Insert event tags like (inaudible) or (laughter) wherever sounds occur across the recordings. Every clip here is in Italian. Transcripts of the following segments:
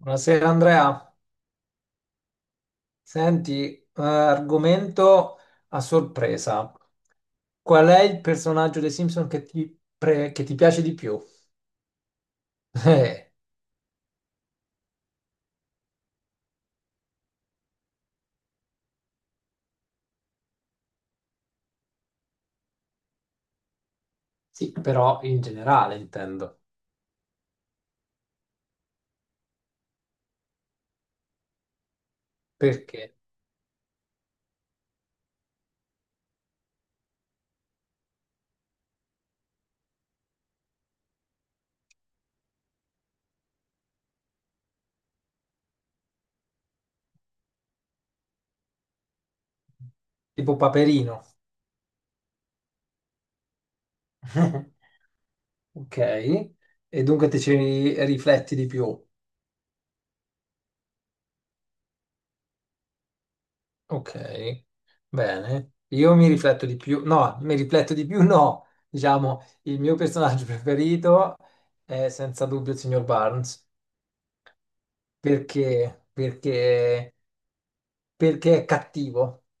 Buonasera Andrea, senti, argomento a sorpresa. Qual è il personaggio dei Simpson che che ti piace di più? (laughs) Eh, sì, però in generale intendo. Perché? Tipo Paperino. (laughs) Ok, e dunque ti rifletti di più. Ok, bene. Io mi rifletto di più, no, mi rifletto di più, (laughs) no. Diciamo, il mio personaggio preferito è senza dubbio il signor Barnes. Perché? Perché è cattivo, (laughs)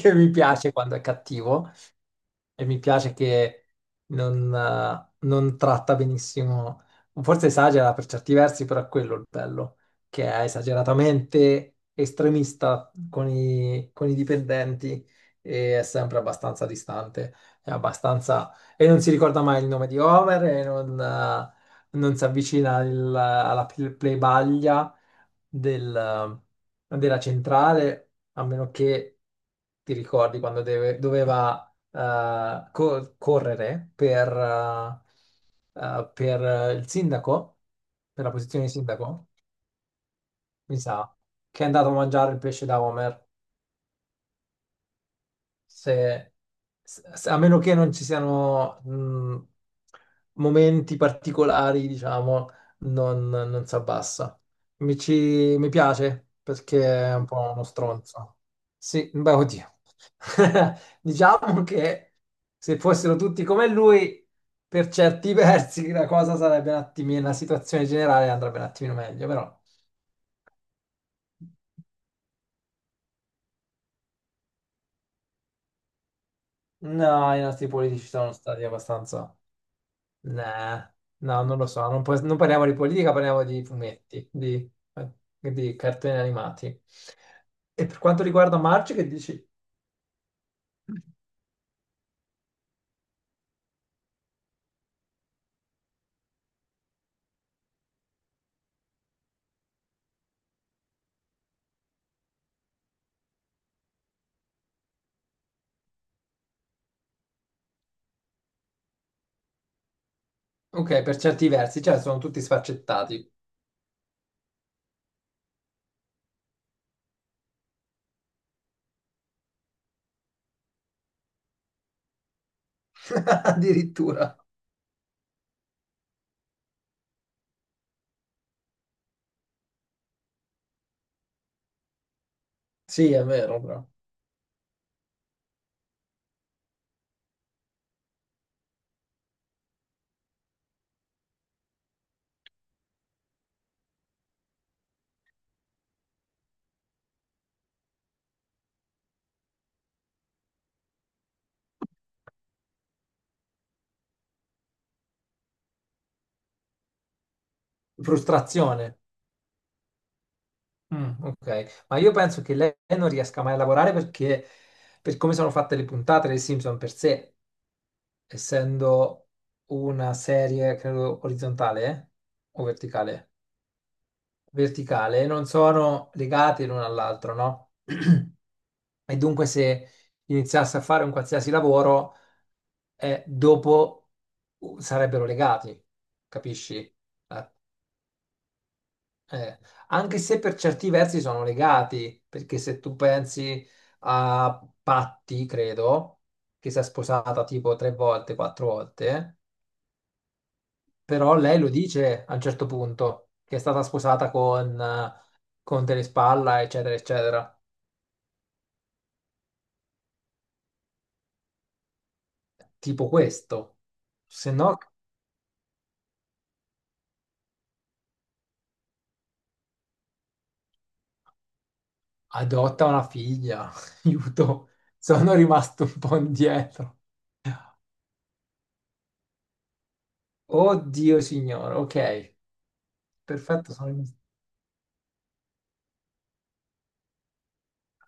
che mi piace quando è cattivo, e mi piace che non tratta benissimo, forse esagera per certi versi, però è quello il bello, che è esageratamente estremista con con i dipendenti e è sempre abbastanza distante, è abbastanza e non si ricorda mai il nome di Homer e non si avvicina alla plebaglia del- della centrale, a meno che ti ricordi quando doveva correre per il sindaco, per la posizione di sindaco, mi sa, che è andato a mangiare il pesce da Homer. se, A meno che non ci siano momenti particolari, diciamo, non si abbassa. Mi piace perché è un po' uno stronzo. Sì, beh, oddio. (laughs) Diciamo che se fossero tutti come lui, per certi versi la cosa sarebbe un attimino, la situazione generale andrebbe un attimino meglio, però no, i nostri politici sono stati abbastanza. Nah, no, non lo so, non parliamo di politica, parliamo di fumetti, eh, di cartoni animati. E per quanto riguarda Marge, che dici? Ok, per certi versi, cioè sono tutti sfaccettati, (laughs) addirittura. Sì, è vero, però. Frustrazione. Mm, ok, ma io penso che lei non riesca mai a lavorare perché, per come sono fatte le puntate dei Simpson per sé, essendo una serie, credo, orizzontale, eh? O verticale? Verticale, non sono legate l'uno all'altro, no? (clears throat) E dunque se iniziasse a fare un qualsiasi lavoro, dopo sarebbero legati, capisci? Eh, eh, Anche se per certi versi sono legati, perché se tu pensi a Patti, credo, che si è sposata tipo tre volte, quattro volte, però lei lo dice a un certo punto, che è stata sposata con con Telespalla, eccetera, eccetera. Tipo questo. Se no, adotta una figlia. (laughs) Aiuto, sono rimasto un po' indietro. Oddio, signore, ok, perfetto.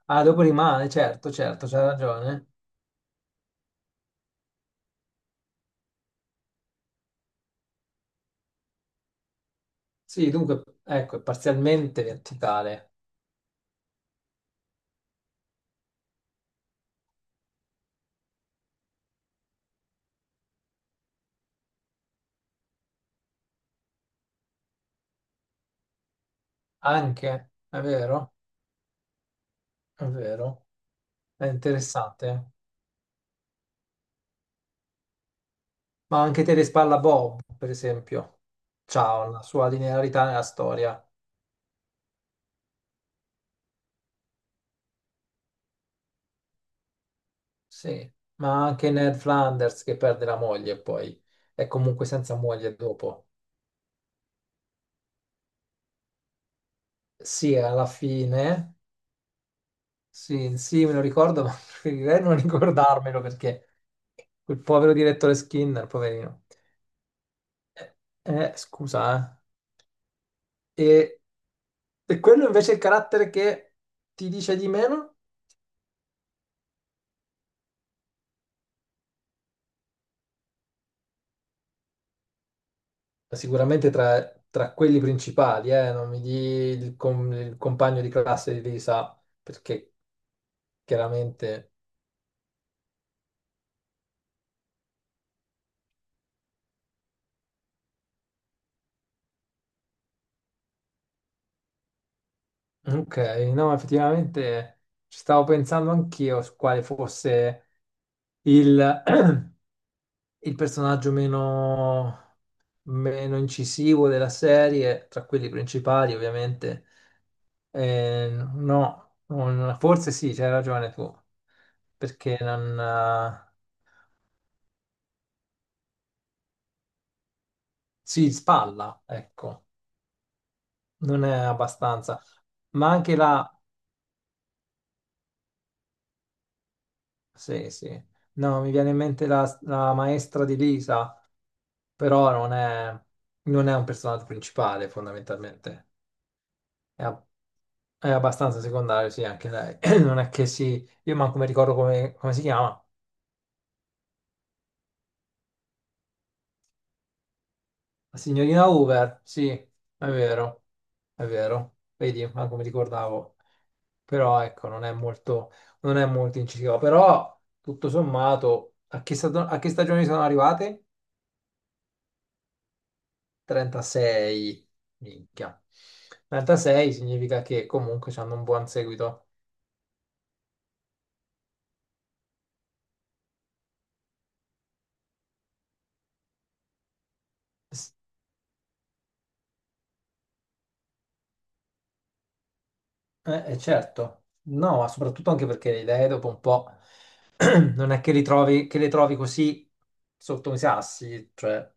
Ah, dopo rimane, certo, certo, c'ha ragione. Sì, dunque, ecco, è parzialmente verticale. Anche, è vero? È vero. È interessante. Ma anche Terespalla Bob, per esempio, ha una sua linearità nella storia. Sì, ma anche Ned Flanders che perde la moglie poi, è comunque senza moglie dopo. Sì, alla fine, sì, sì, me lo ricordo, ma (laughs) preferirei non ricordarmelo perché quel povero direttore Skinner, poverino. Eh, Scusa, eh. E quello invece è il carattere che ti dice di meno? Sicuramente tra quelli principali, non mi di il compagno di classe di Lisa, perché chiaramente. Ok, no, effettivamente ci stavo pensando anch'io su quale fosse il, il personaggio meno incisivo della serie, tra quelli principali ovviamente. No, forse sì, c'hai ragione tu, perché non. Eh, si spalla, ecco, non è abbastanza. Ma anche la. Sì, sì. No, mi viene in mente la maestra di Lisa. Però non è, non è un personaggio principale fondamentalmente. È, a- è abbastanza secondario, sì, anche lei. (clears throat) Non è che si. Io manco mi ricordo come, come si chiama. La signorina Hoover, sì, è vero, è vero. Vedi, manco mi ricordavo. Però ecco, non è molto, non è molto incisiva. Però, tutto sommato, a che stagioni sono arrivate? 36, minchia. 36 significa che comunque hanno un buon seguito. Certo, no, ma soprattutto anche perché le idee dopo un po' (clears throat) non è che le trovi così sotto i sassi, cioè,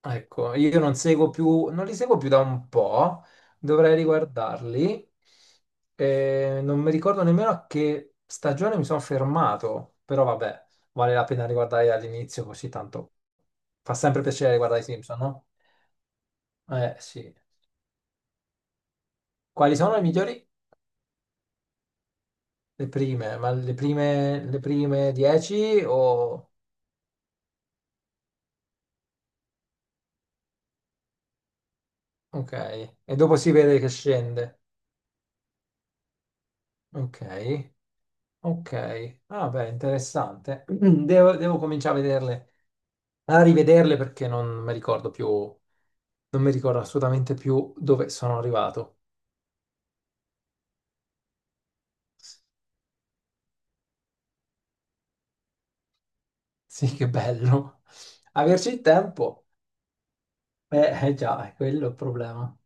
ecco, io non seguo più, non li seguo più da un po', dovrei riguardarli. Non mi ricordo nemmeno a che stagione mi sono fermato, però vabbè, vale la pena riguardare dall'inizio, così tanto fa sempre piacere riguardare i Simpson, no? Eh sì. Quali sono i migliori? Le prime, ma le prime 10 o. Ok, e dopo si vede che scende. Ok, ok. Ah beh, interessante. (clears throat) Devo, devo cominciare a vederle, a rivederle perché non mi ricordo più, non mi ricordo assolutamente più dove sono arrivato. Sì, che bello. Averci il tempo, eh, già, è quello il problema.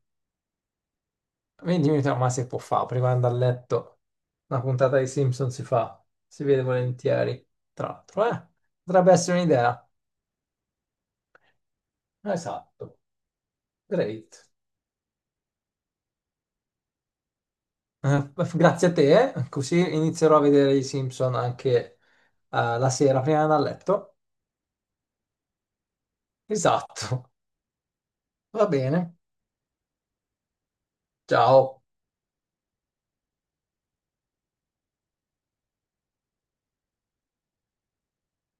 Vedi, mi sa, ma si può fare prima di andare a letto. Una puntata dei Simpson si fa, si vede volentieri. Tra l'altro, eh? Potrebbe essere un'idea. Esatto, great. Grazie a te, così inizierò a vedere i Simpson anche la sera prima di andare a letto. Esatto, va bene. Ciao.